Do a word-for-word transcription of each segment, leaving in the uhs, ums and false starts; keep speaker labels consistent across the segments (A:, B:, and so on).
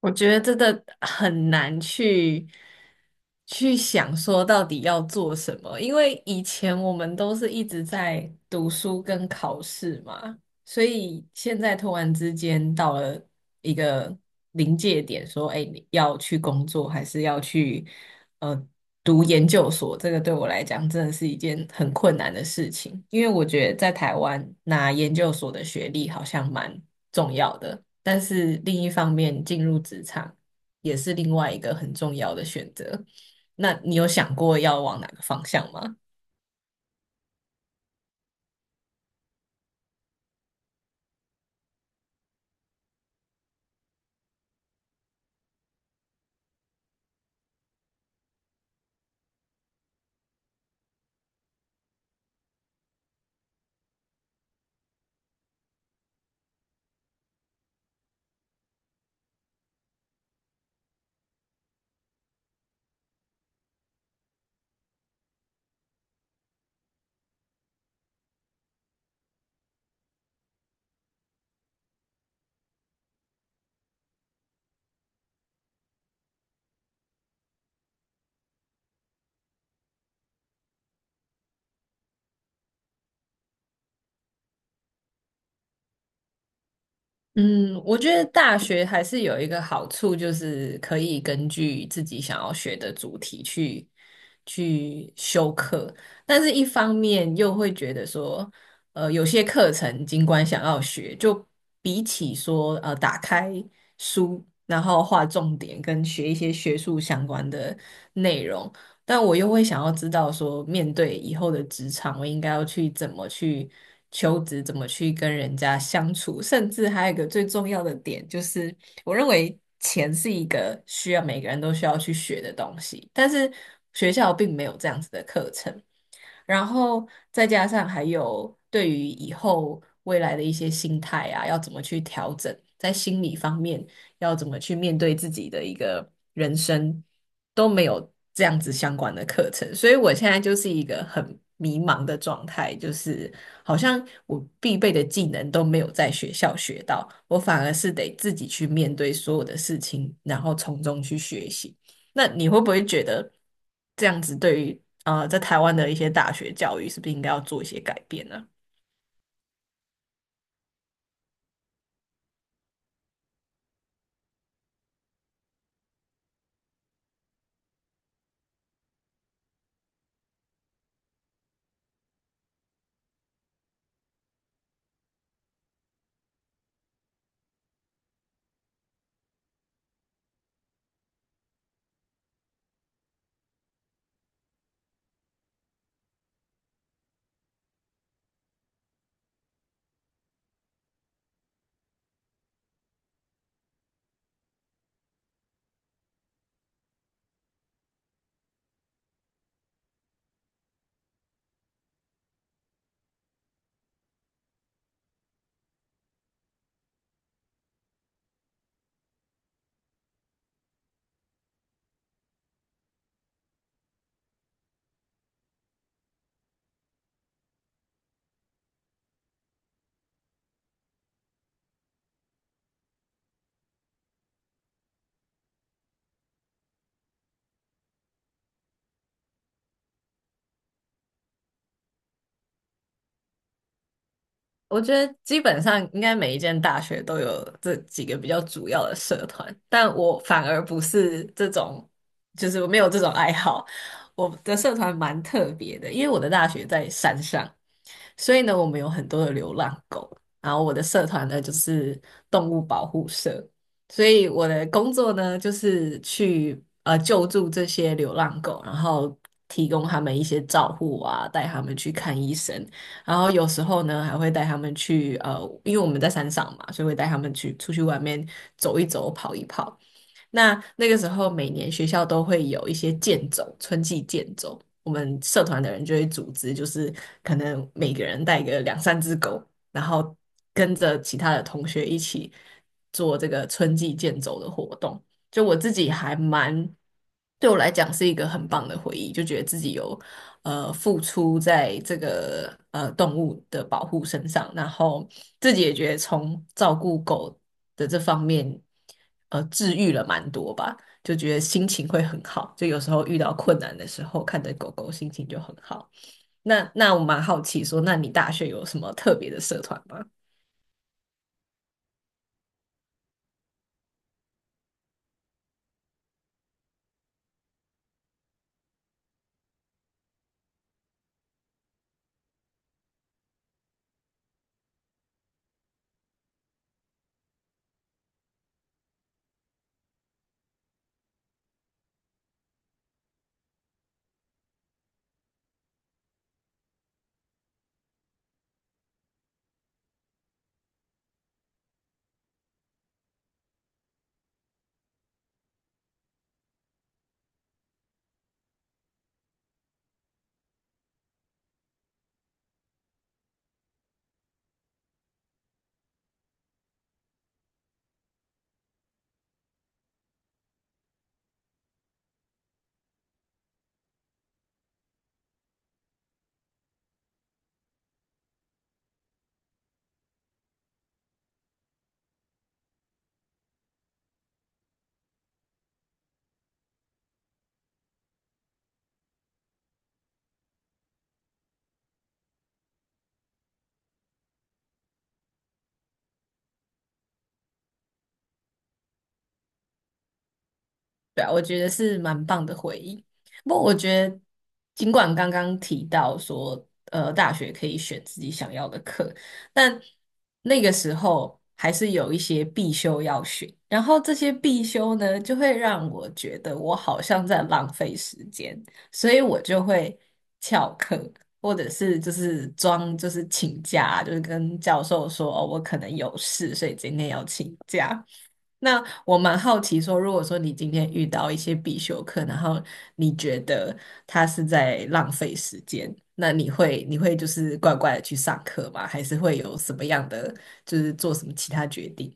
A: 我觉得真的很难去去想说到底要做什么，因为以前我们都是一直在读书跟考试嘛，所以现在突然之间到了一个临界点，说，哎，你要去工作还是要去呃读研究所？这个对我来讲真的是一件很困难的事情，因为我觉得在台湾拿研究所的学历好像蛮重要的，但是另一方面进入职场也是另外一个很重要的选择。那你有想过要往哪个方向吗？嗯，我觉得大学还是有一个好处，就是可以根据自己想要学的主题去去修课，但是一方面又会觉得说，呃，有些课程尽管想要学，就比起说呃打开书，然后画重点跟学一些学术相关的内容，但我又会想要知道说，面对以后的职场，我应该要去怎么去求职，怎么去跟人家相处，甚至还有一个最重要的点，就是我认为钱是一个需要每个人都需要去学的东西，但是学校并没有这样子的课程。然后再加上还有对于以后未来的一些心态啊，要怎么去调整，在心理方面要怎么去面对自己的一个人生，都没有这样子相关的课程，所以我现在就是一个很迷茫的状态，就是好像我必备的技能都没有在学校学到，我反而是得自己去面对所有的事情，然后从中去学习。那你会不会觉得这样子对于呃在台湾的一些大学教育是不是应该要做一些改变呢？我觉得基本上应该每一间大学都有这几个比较主要的社团，但我反而不是这种，就是我没有这种爱好。我的社团蛮特别的，因为我的大学在山上，所以呢，我们有很多的流浪狗，然后我的社团呢就是动物保护社，所以我的工作呢就是去呃救助这些流浪狗，然后提供他们一些照护啊，带他们去看医生，然后有时候呢还会带他们去呃，因为我们在山上嘛，所以会带他们去出去外面走一走、跑一跑。那那个时候每年学校都会有一些健走，春季健走，我们社团的人就会组织，就是可能每个人带个两三只狗，然后跟着其他的同学一起做这个春季健走的活动。就我自己还蛮，对我来讲是一个很棒的回忆，就觉得自己有呃付出在这个呃动物的保护身上，然后自己也觉得从照顾狗的这方面，呃，治愈了蛮多吧，就觉得心情会很好，就有时候遇到困难的时候，看着狗狗心情就很好。那那我蛮好奇说，那你大学有什么特别的社团吗？对啊，我觉得是蛮棒的回忆。不过我觉得，尽管刚刚提到说，呃，大学可以选自己想要的课，但那个时候还是有一些必修要选。然后这些必修呢，就会让我觉得我好像在浪费时间，所以我就会翘课，或者是就是装就是请假，就是跟教授说，哦，我可能有事，所以今天要请假。那我蛮好奇说，如果说你今天遇到一些必修课，然后你觉得他是在浪费时间，那你会你会就是乖乖的去上课吗？还是会有什么样的就是做什么其他决定？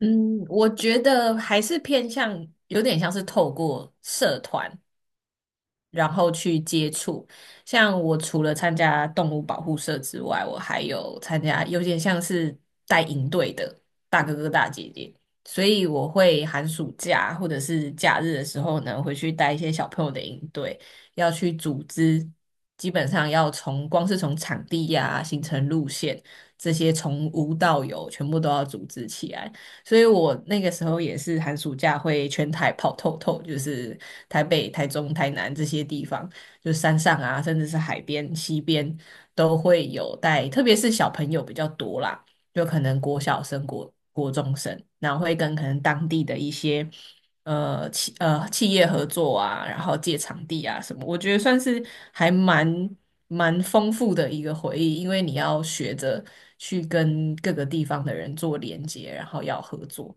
A: 嗯，我觉得还是偏向有点像是透过社团，然后去接触。像我除了参加动物保护社之外，我还有参加有点像是带营队的大哥哥大姐姐，所以我会寒暑假或者是假日的时候呢，回去带一些小朋友的营队，要去组织。基本上要从光是从场地呀、行程路线这些从无到有，全部都要组织起来。所以我那个时候也是寒暑假会全台跑透透，就是台北、台中、台南这些地方，就山上啊，甚至是海边、西边都会有带，特别是小朋友比较多啦，就可能国小生、国国中生，然后会跟可能当地的一些呃企呃企业合作啊，然后借场地啊什么，我觉得算是还蛮蛮丰富的一个回忆，因为你要学着去跟各个地方的人做连接，然后要合作。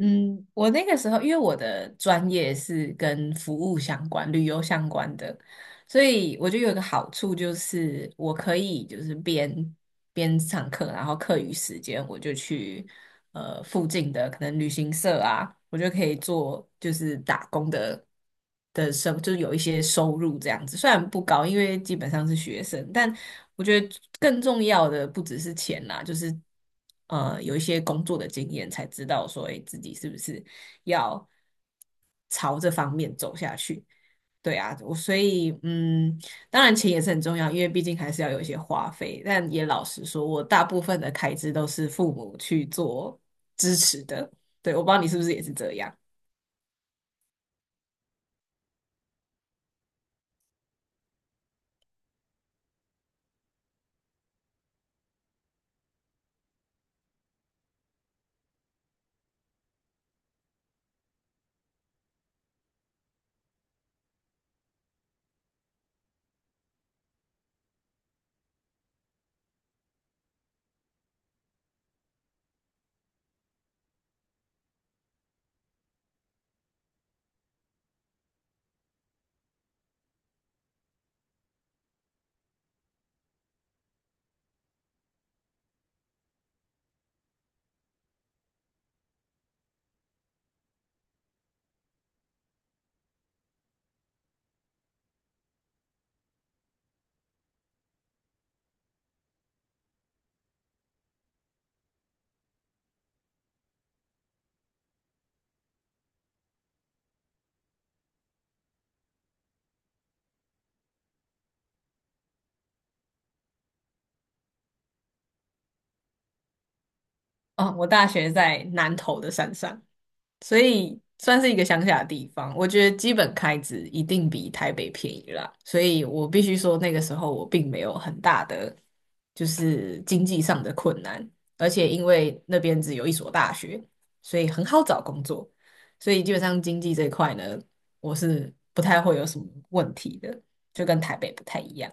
A: 嗯，我那个时候因为我的专业是跟服务相关、旅游相关的，所以我觉得有一个好处就是，我可以就是边边上课，然后课余时间我就去呃附近的可能旅行社啊，我就可以做就是打工的的生，就是有一些收入这样子。虽然不高，因为基本上是学生，但我觉得更重要的不只是钱啦，就是呃有一些工作的经验，才知道说，诶自己是不是要朝这方面走下去。对啊，我所以嗯，当然钱也是很重要，因为毕竟还是要有一些花费。但也老实说，我大部分的开支都是父母去做支持的。对，我不知道你是不是也是这样。啊？我大学在南投的山上，所以算是一个乡下的地方。我觉得基本开支一定比台北便宜啦，所以我必须说那个时候我并没有很大的就是经济上的困难，而且因为那边只有一所大学，所以很好找工作，所以基本上经济这一块呢，我是不太会有什么问题的，就跟台北不太一样。